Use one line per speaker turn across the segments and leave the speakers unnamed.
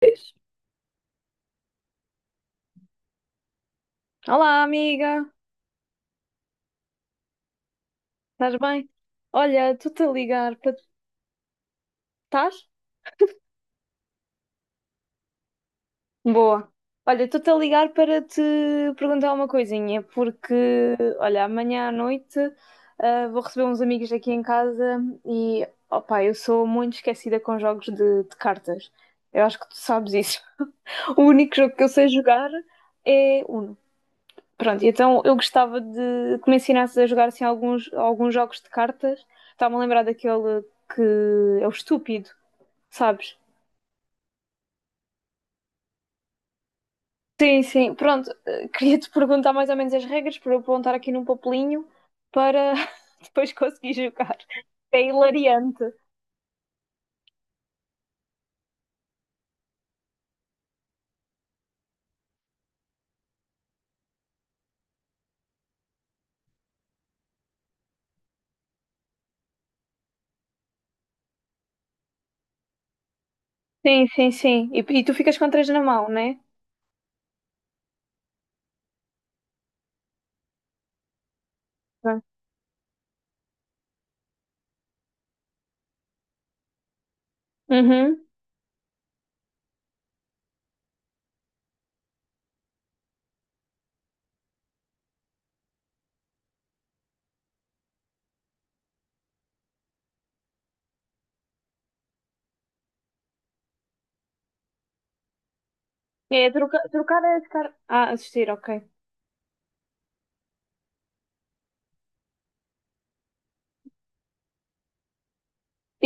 Pois. Olá, amiga, estás bem? Olha, estou-te a ligar para. Estás? Boa. Olha, estou-te a ligar para te perguntar uma coisinha, porque, olha, amanhã à noite vou receber uns amigos aqui em casa e, opá, eu sou muito esquecida com jogos de cartas. Eu acho que tu sabes isso. O único jogo que eu sei jogar é Uno. Pronto, então eu gostava de que me ensinasses a jogar assim, alguns jogos de cartas. Estava-me a lembrar daquele que é o estúpido, sabes? Sim, sim. Pronto, queria-te perguntar mais ou menos as regras para eu apontar aqui num papelinho para depois conseguir jogar. É hilariante. Sim, sim, sim. E tu ficas com três na mão, né? Pronto. Uhum. Trocar as cartas. Ah, assistir, ok.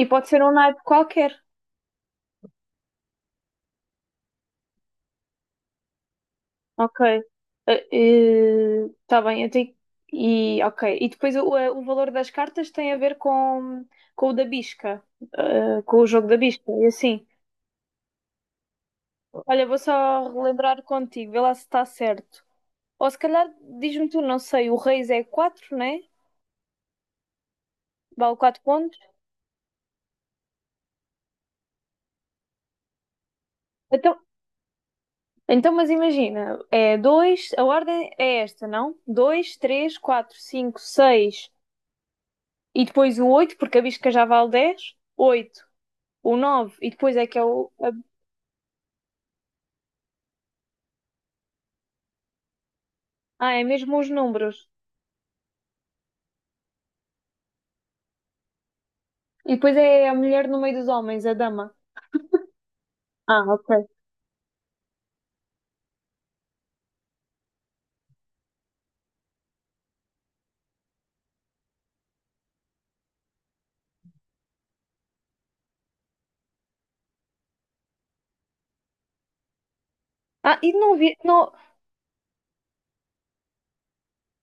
E pode ser um naipe qualquer. Ok. Está bem, eu tenho... E, ok. E depois o valor das cartas tem a ver com o da bisca, com o jogo da bisca, e assim. Olha, vou só relembrar contigo, vê lá se está certo. Ou se calhar, diz-me tu, não sei, o reis é quatro, né? Vale 4 pontos. Então, então, mas imagina, é 2. A ordem é esta, não? 2, 3, 4, 5, 6 e depois o 8 porque a bisca já vale 10. 8. O 9 e depois é que é é mesmo os números. E depois é a mulher no meio dos homens, a dama. Ah, ok. Ah, e não havia, não,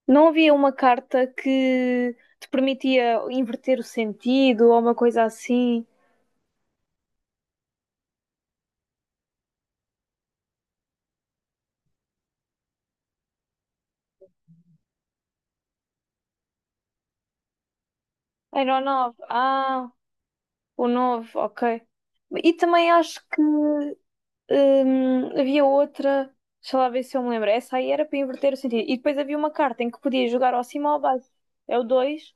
não havia uma carta que te permitia inverter o sentido ou uma coisa assim? Era o nove. Ah, o nove, ok. E também acho que havia outra. Deixa lá ver se eu me lembro. Essa aí era para inverter o sentido. E depois havia uma carta em que podia jogar ao cima ou ao baixo. É o dois.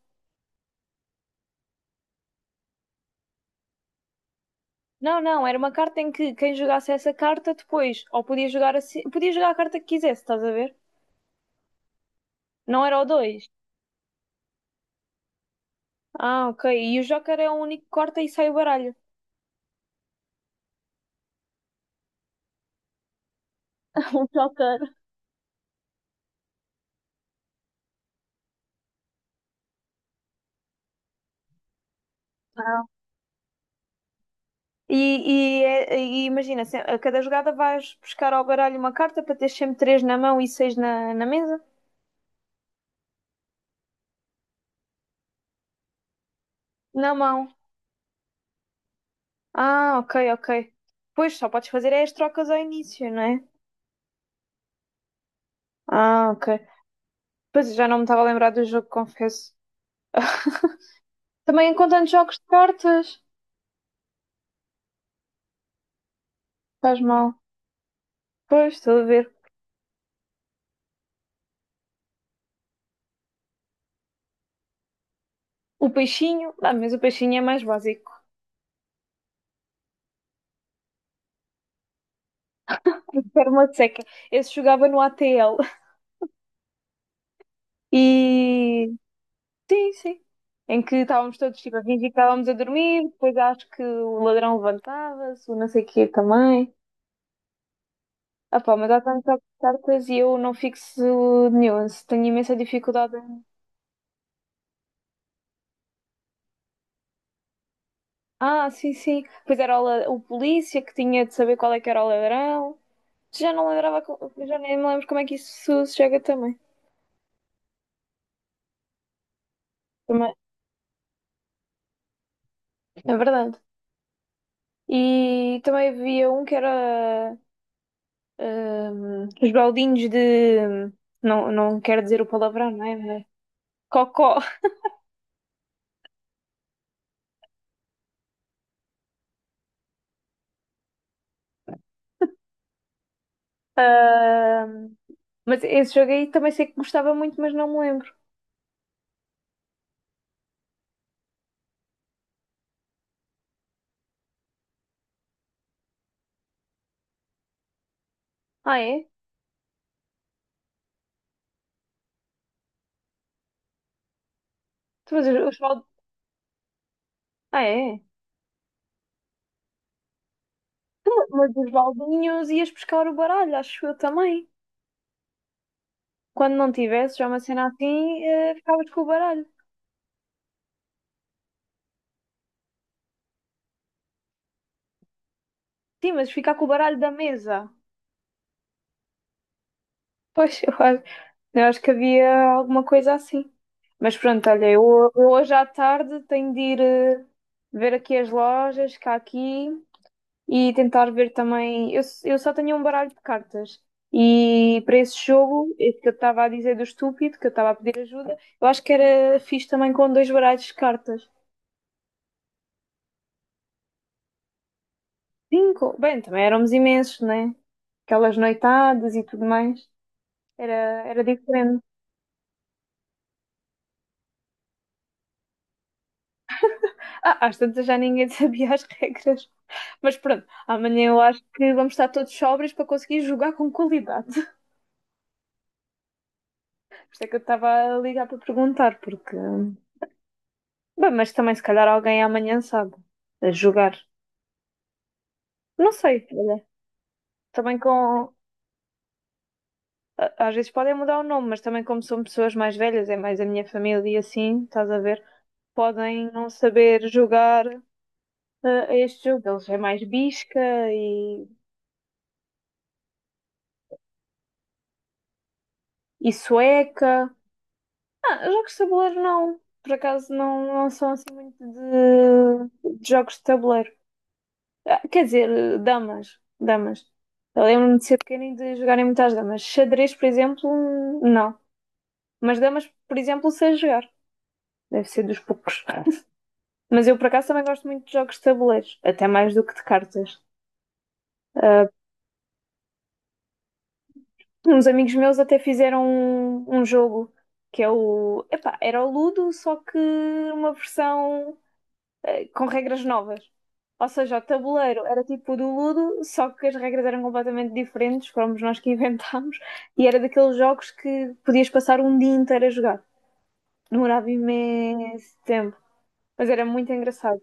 Não, não, era uma carta em que quem jogasse essa carta depois, ou podia jogar assim, podia jogar a carta que quisesse, estás a ver? Não era o dois. Ah, ok. E o Joker é o único que corta e sai o baralho. O Joker. E imagina, a cada jogada vais buscar ao baralho uma carta para ter sempre três na mão e seis na mesa? Na mão. Ah, ok, ok. Pois, só podes fazer é as trocas ao início, não é? Ah, ok. Pois, já não me estava a lembrar do jogo, confesso. Também encontrando jogos de cartas. Faz mal. Pois, estou a ver. O peixinho, ah, mas o peixinho é mais básico. Perma de seca. Esse jogava no ATL. E sim, sim. Em que estávamos todos tipo a fingir que estávamos a dormir, depois acho que o ladrão levantava-se, o não sei o quê também. Ah pá, mas há tantas cartas e eu não fixo nuance, tenho imensa dificuldade. Ah, sim, sim. Pois era o polícia que tinha de saber qual é que era o ladrão. Já não lembrava, já nem me lembro como é que isso se joga também. Também, é verdade. E também havia um que era os baldinhos de. Não, não quero dizer o palavrão, não é? Mas- Cocó. Ahm, mas esse jogo aí também sei que gostava muito, mas não me lembro. Ah, é? Tu, mas os ah, é? Mas os baldinhos ias buscar o baralho, acho eu também. Quando não tivesse já uma cena assim, ficavas com o baralho. Sim, mas ficar com o baralho da mesa. Pois, eu acho que havia alguma coisa assim. Mas pronto, olha, eu hoje à tarde tenho de ir ver aqui as lojas cá aqui e tentar ver também. Eu só tenho um baralho de cartas. E para esse jogo, esse que eu estava a dizer do estúpido, que eu estava a pedir ajuda, eu acho que era fixe também com dois baralhos de cartas. Cinco? Bem, também éramos imensos, né? Aquelas noitadas e tudo mais. Era, era diferente. Ah, às tantas já ninguém sabia as regras. Mas pronto, amanhã eu acho que vamos estar todos sóbrios para conseguir jogar com qualidade. Por isso é que eu estava a ligar para perguntar, porque. Bem, mas também se calhar alguém amanhã sabe a jogar. Não sei, olha. Também com. Às vezes podem mudar o nome, mas também como são pessoas mais velhas, é mais a minha família e assim, estás a ver? Podem não saber jogar a este jogo. Eles é mais bisca e, e sueca. Ah, jogos de tabuleiro não. Por acaso não, não são assim muito de jogos de tabuleiro. Ah, quer dizer, damas. Damas. Eu lembro-me de ser pequena e de jogarem muitas damas. Xadrez, por exemplo, não. Mas damas, por exemplo, sei jogar. Deve ser dos poucos. Mas eu, por acaso, também gosto muito de jogos de tabuleiros. Até mais do que de cartas. Ah, uns amigos meus até fizeram um jogo que é o. Epá, era o Ludo, só que uma versão. Com regras novas. Ou seja, o tabuleiro era tipo o do Ludo, só que as regras eram completamente diferentes, fomos nós que inventámos, e era daqueles jogos que podias passar um dia inteiro a jogar. Demorava imenso tempo, mas era muito engraçado.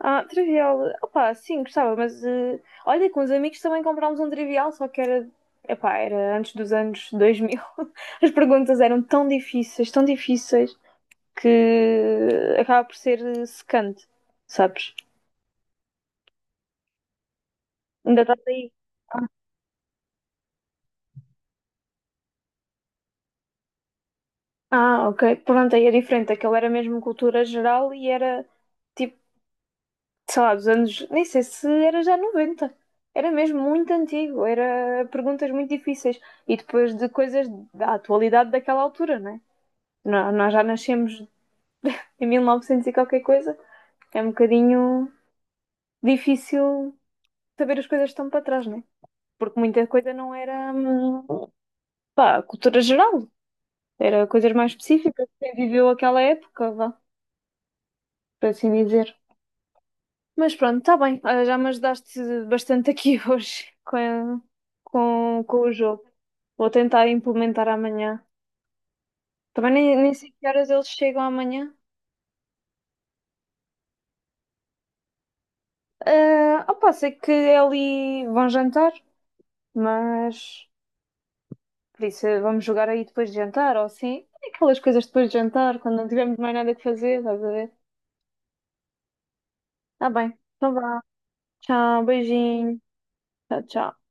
Ah, trivial. Opá, sim, gostava, mas olha, com os amigos também comprámos um trivial, só que era, epá, era antes dos anos 2000. As perguntas eram tão difíceis, que acaba por ser secante, sabes? Ainda estás aí. Ah, ok. Pronto, aí é diferente. Aquilo era mesmo cultura geral e era tipo, sei lá, dos anos. Nem sei se era já noventa. Era mesmo muito antigo. Era perguntas muito difíceis. E depois de coisas da atualidade daquela altura, né? Nós já nascemos em 1900 e qualquer coisa. É um bocadinho difícil saber as coisas que estão para trás, né? Porque muita coisa não era, pá, cultura geral. Era coisas mais específicas. Quem viveu aquela época, vá. Por assim dizer. Mas pronto, está bem. Olha, já me ajudaste bastante aqui hoje com o jogo. Vou tentar implementar amanhã. Também nem sei que horas eles chegam amanhã. Ah, opa, sei que é ali vão jantar, mas por isso vamos jogar aí depois de jantar, ou assim. Aquelas coisas depois de jantar, quando não tivermos mais nada que fazer, estás a ver? Tá bem. Então vá. Tchau, beijinho. Tchau, tchau.